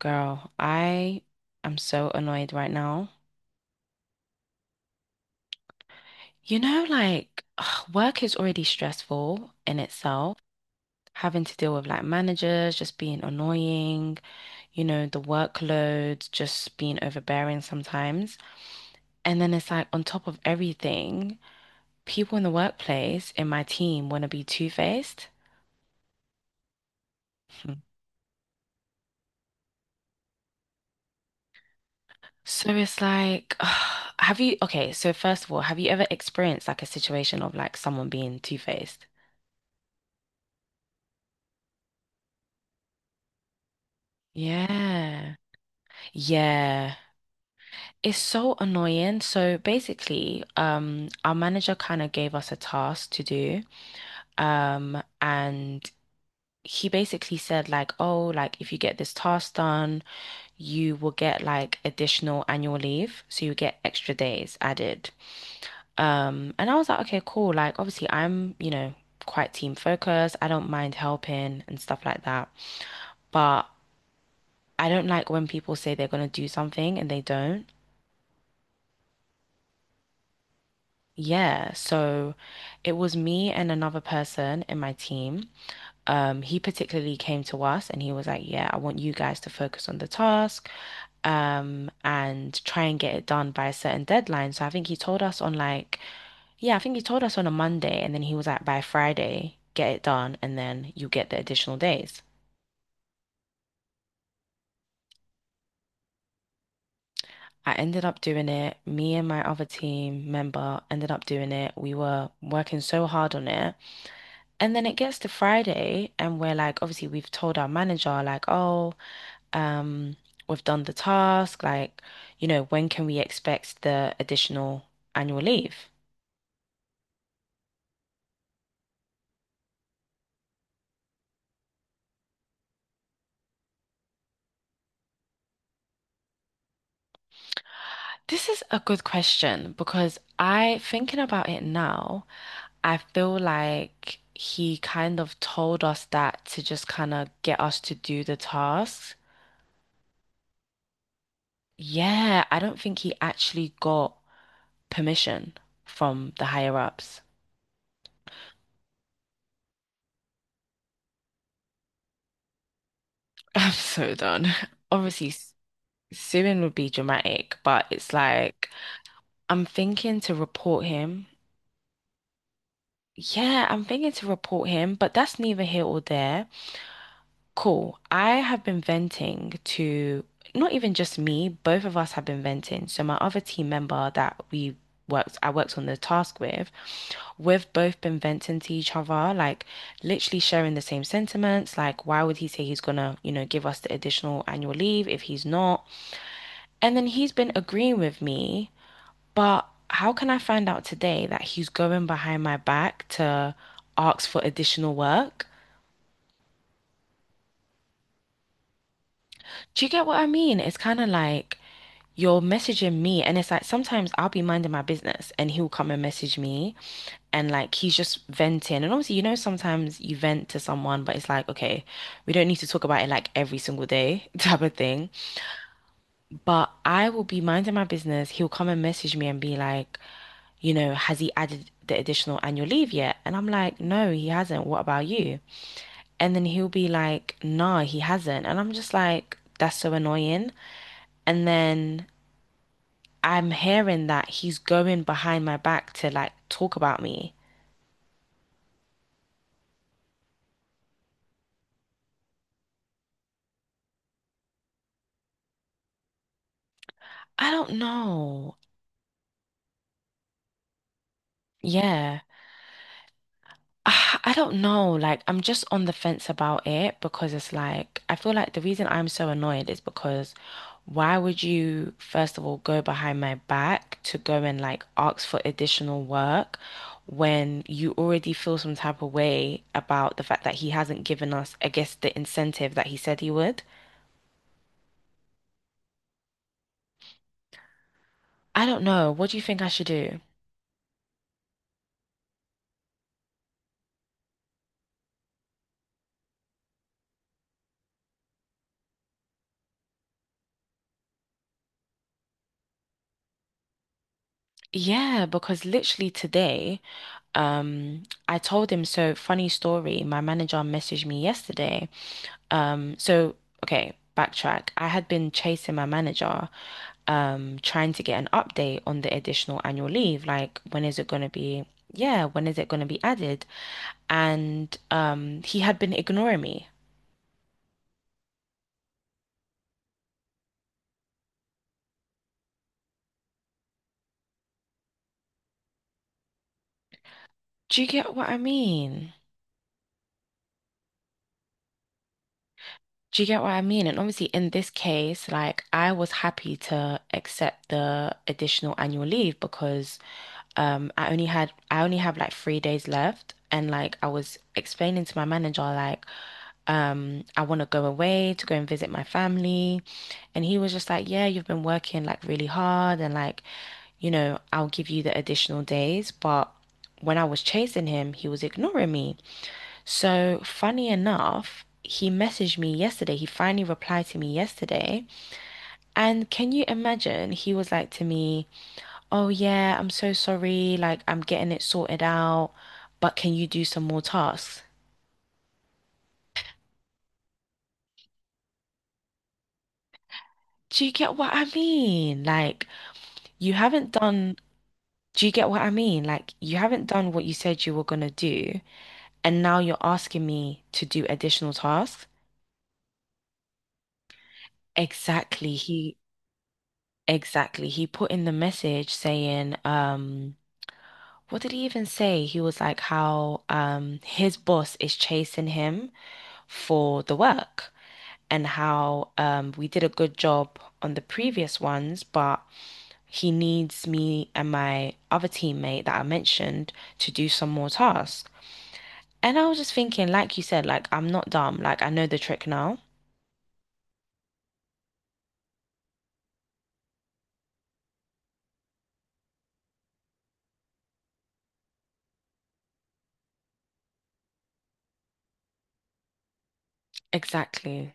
Girl, I am so annoyed right now. You know, like work is already stressful in itself, having to deal with like managers just being annoying, you know, the workload just being overbearing sometimes. And then it's like on top of everything, people in the workplace in my team want to be two-faced. Hmm. So it's like, okay, so first of all, have you ever experienced like a situation of like someone being two-faced? Yeah. Yeah, it's so annoying. So basically, our manager kind of gave us a task to do. And he basically said like, oh, like if you get this task done, you will get like additional annual leave. So you get extra days added. And I was like, okay, cool. Like obviously I'm, you know, quite team focused. I don't mind helping and stuff like that. But I don't like when people say they're gonna do something and they don't. Yeah, so it was me and another person in my team. He particularly came to us and he was like, "Yeah, I want you guys to focus on the task, and try and get it done by a certain deadline." So I think he told us on like, yeah, I think he told us on a Monday, and then he was like, "By Friday, get it done, and then you get the additional days." I ended up doing it. Me and my other team member ended up doing it. We were working so hard on it. And then it gets to Friday, and we're like, obviously, we've told our manager, like, oh, um, we've done the task. Like, you know, when can we expect the additional annual leave? This is a good question because thinking about it now, I feel like he kind of told us that to just kind of get us to do the tasks. Yeah, I don't think he actually got permission from the higher ups. I'm so done. Obviously, suing would be dramatic, but it's like I'm thinking to report him. Yeah, I'm thinking to report him, but that's neither here or there. Cool. I have been venting to not even just me, both of us have been venting. So my other team member that I worked on the task with, we've both been venting to each other, like literally sharing the same sentiments. Like, why would he say he's gonna, you know, give us the additional annual leave if he's not? And then he's been agreeing with me. But how can I find out today that he's going behind my back to ask for additional work? Do you get what I mean? It's kind of like you're messaging me, and it's like sometimes I'll be minding my business and he'll come and message me, and like he's just venting. And obviously, you know, sometimes you vent to someone, but it's like, okay, we don't need to talk about it like every single day type of thing. But I will be minding my business. He'll come and message me and be like, you know, has he added the additional annual leave yet? And I'm like, no, he hasn't. What about you? And then he'll be like, nah, he hasn't. And I'm just like, that's so annoying. And then I'm hearing that he's going behind my back to like talk about me. I don't know. Yeah. Ah, I don't know. Like, I'm just on the fence about it because it's like, I feel like the reason I'm so annoyed is because why would you, first of all, go behind my back to go and like ask for additional work when you already feel some type of way about the fact that he hasn't given us, I guess, the incentive that he said he would? I don't know. What do you think I should do? Yeah, because literally today, I told him, so funny story, my manager messaged me yesterday. So okay, backtrack. I had been chasing my manager, trying to get an update on the additional annual leave. Like, when is it going to be? Yeah, when is it going to be added? And he had been ignoring me. Do you get what I mean? Do you get what I mean? And obviously, in this case, like I was happy to accept the additional annual leave because I only have like 3 days left, and like I was explaining to my manager, like. I want to go away to go and visit my family. And he was just like, yeah, you've been working like really hard and like, you know, I'll give you the additional days. But when I was chasing him, he was ignoring me. So funny enough, he messaged me yesterday. He finally replied to me yesterday. And can you imagine? He was like to me, oh, yeah, I'm so sorry. Like, I'm getting it sorted out. But can you do some more tasks? Do you get what I mean? Like, you haven't done Do you get what I mean? Like, you haven't done what you said you were going to do, and now you're asking me to do additional tasks. Exactly. He put in the message saying, what did he even say? He was like how his boss is chasing him for the work and how we did a good job on the previous ones, but he needs me and my other teammate that I mentioned to do some more tasks. And I was just thinking, like you said, like I'm not dumb. Like I know the trick now. Exactly.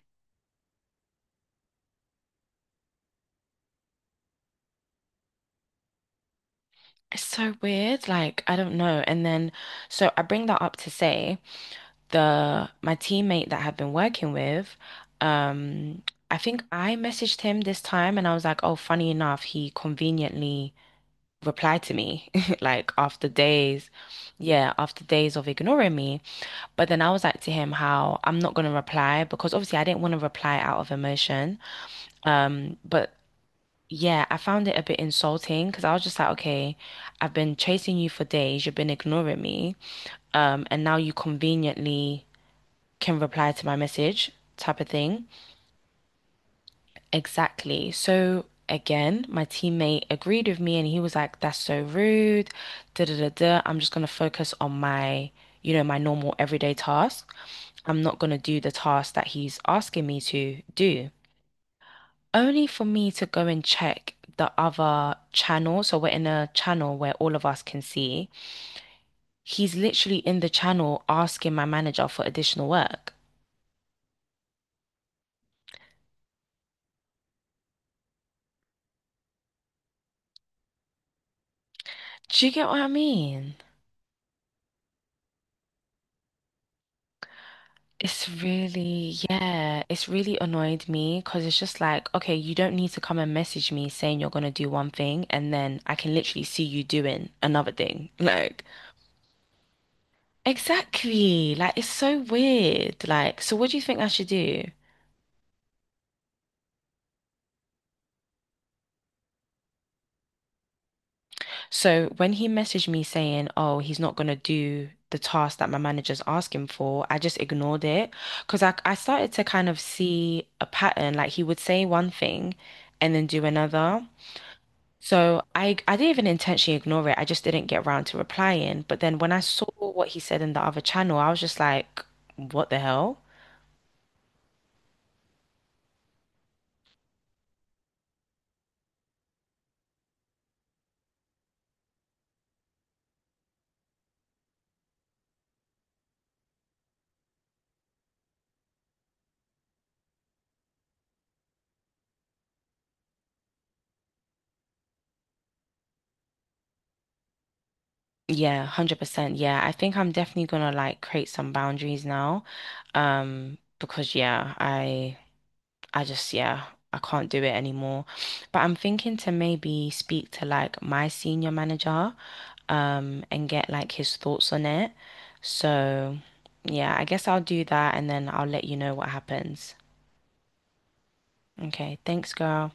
It's so weird. Like I don't know. And then so I bring that up to say the my teammate that I've been working with, um, I think I messaged him this time and I was like, oh, funny enough, he conveniently replied to me like after days, yeah, after days of ignoring me. But then I was like to him how I'm not gonna reply because obviously I didn't want to reply out of emotion. But yeah, I found it a bit insulting because I was just like, okay, I've been chasing you for days, you've been ignoring me, and now you conveniently can reply to my message type of thing. Exactly. So again, my teammate agreed with me and he was like, that's so rude, da da da da. I'm just gonna focus on my, you know, my normal everyday task. I'm not gonna do the task that he's asking me to do, only for me to go and check the other channel. So we're in a channel where all of us can see. He's literally in the channel asking my manager for additional work. Do you get what I mean? It's really, yeah, it's really annoyed me because it's just like, okay, you don't need to come and message me saying you're going to do one thing and then I can literally see you doing another thing. Like, exactly. Like, it's so weird. Like, so what do you think I should do? So when he messaged me saying, "Oh, he's not gonna do the task that my manager's asking for," I just ignored it because I started to kind of see a pattern. Like he would say one thing and then do another. So I didn't even intentionally ignore it. I just didn't get around to replying. But then when I saw what he said in the other channel, I was just like, "What the hell?" Yeah, 100%. Yeah, I think I'm definitely gonna like create some boundaries now. Because yeah, I. I just, yeah, I can't do it anymore. But I'm thinking to maybe speak to like my senior manager, and get like his thoughts on it. So, yeah, I guess I'll do that and then I'll let you know what happens. Okay, thanks, girl.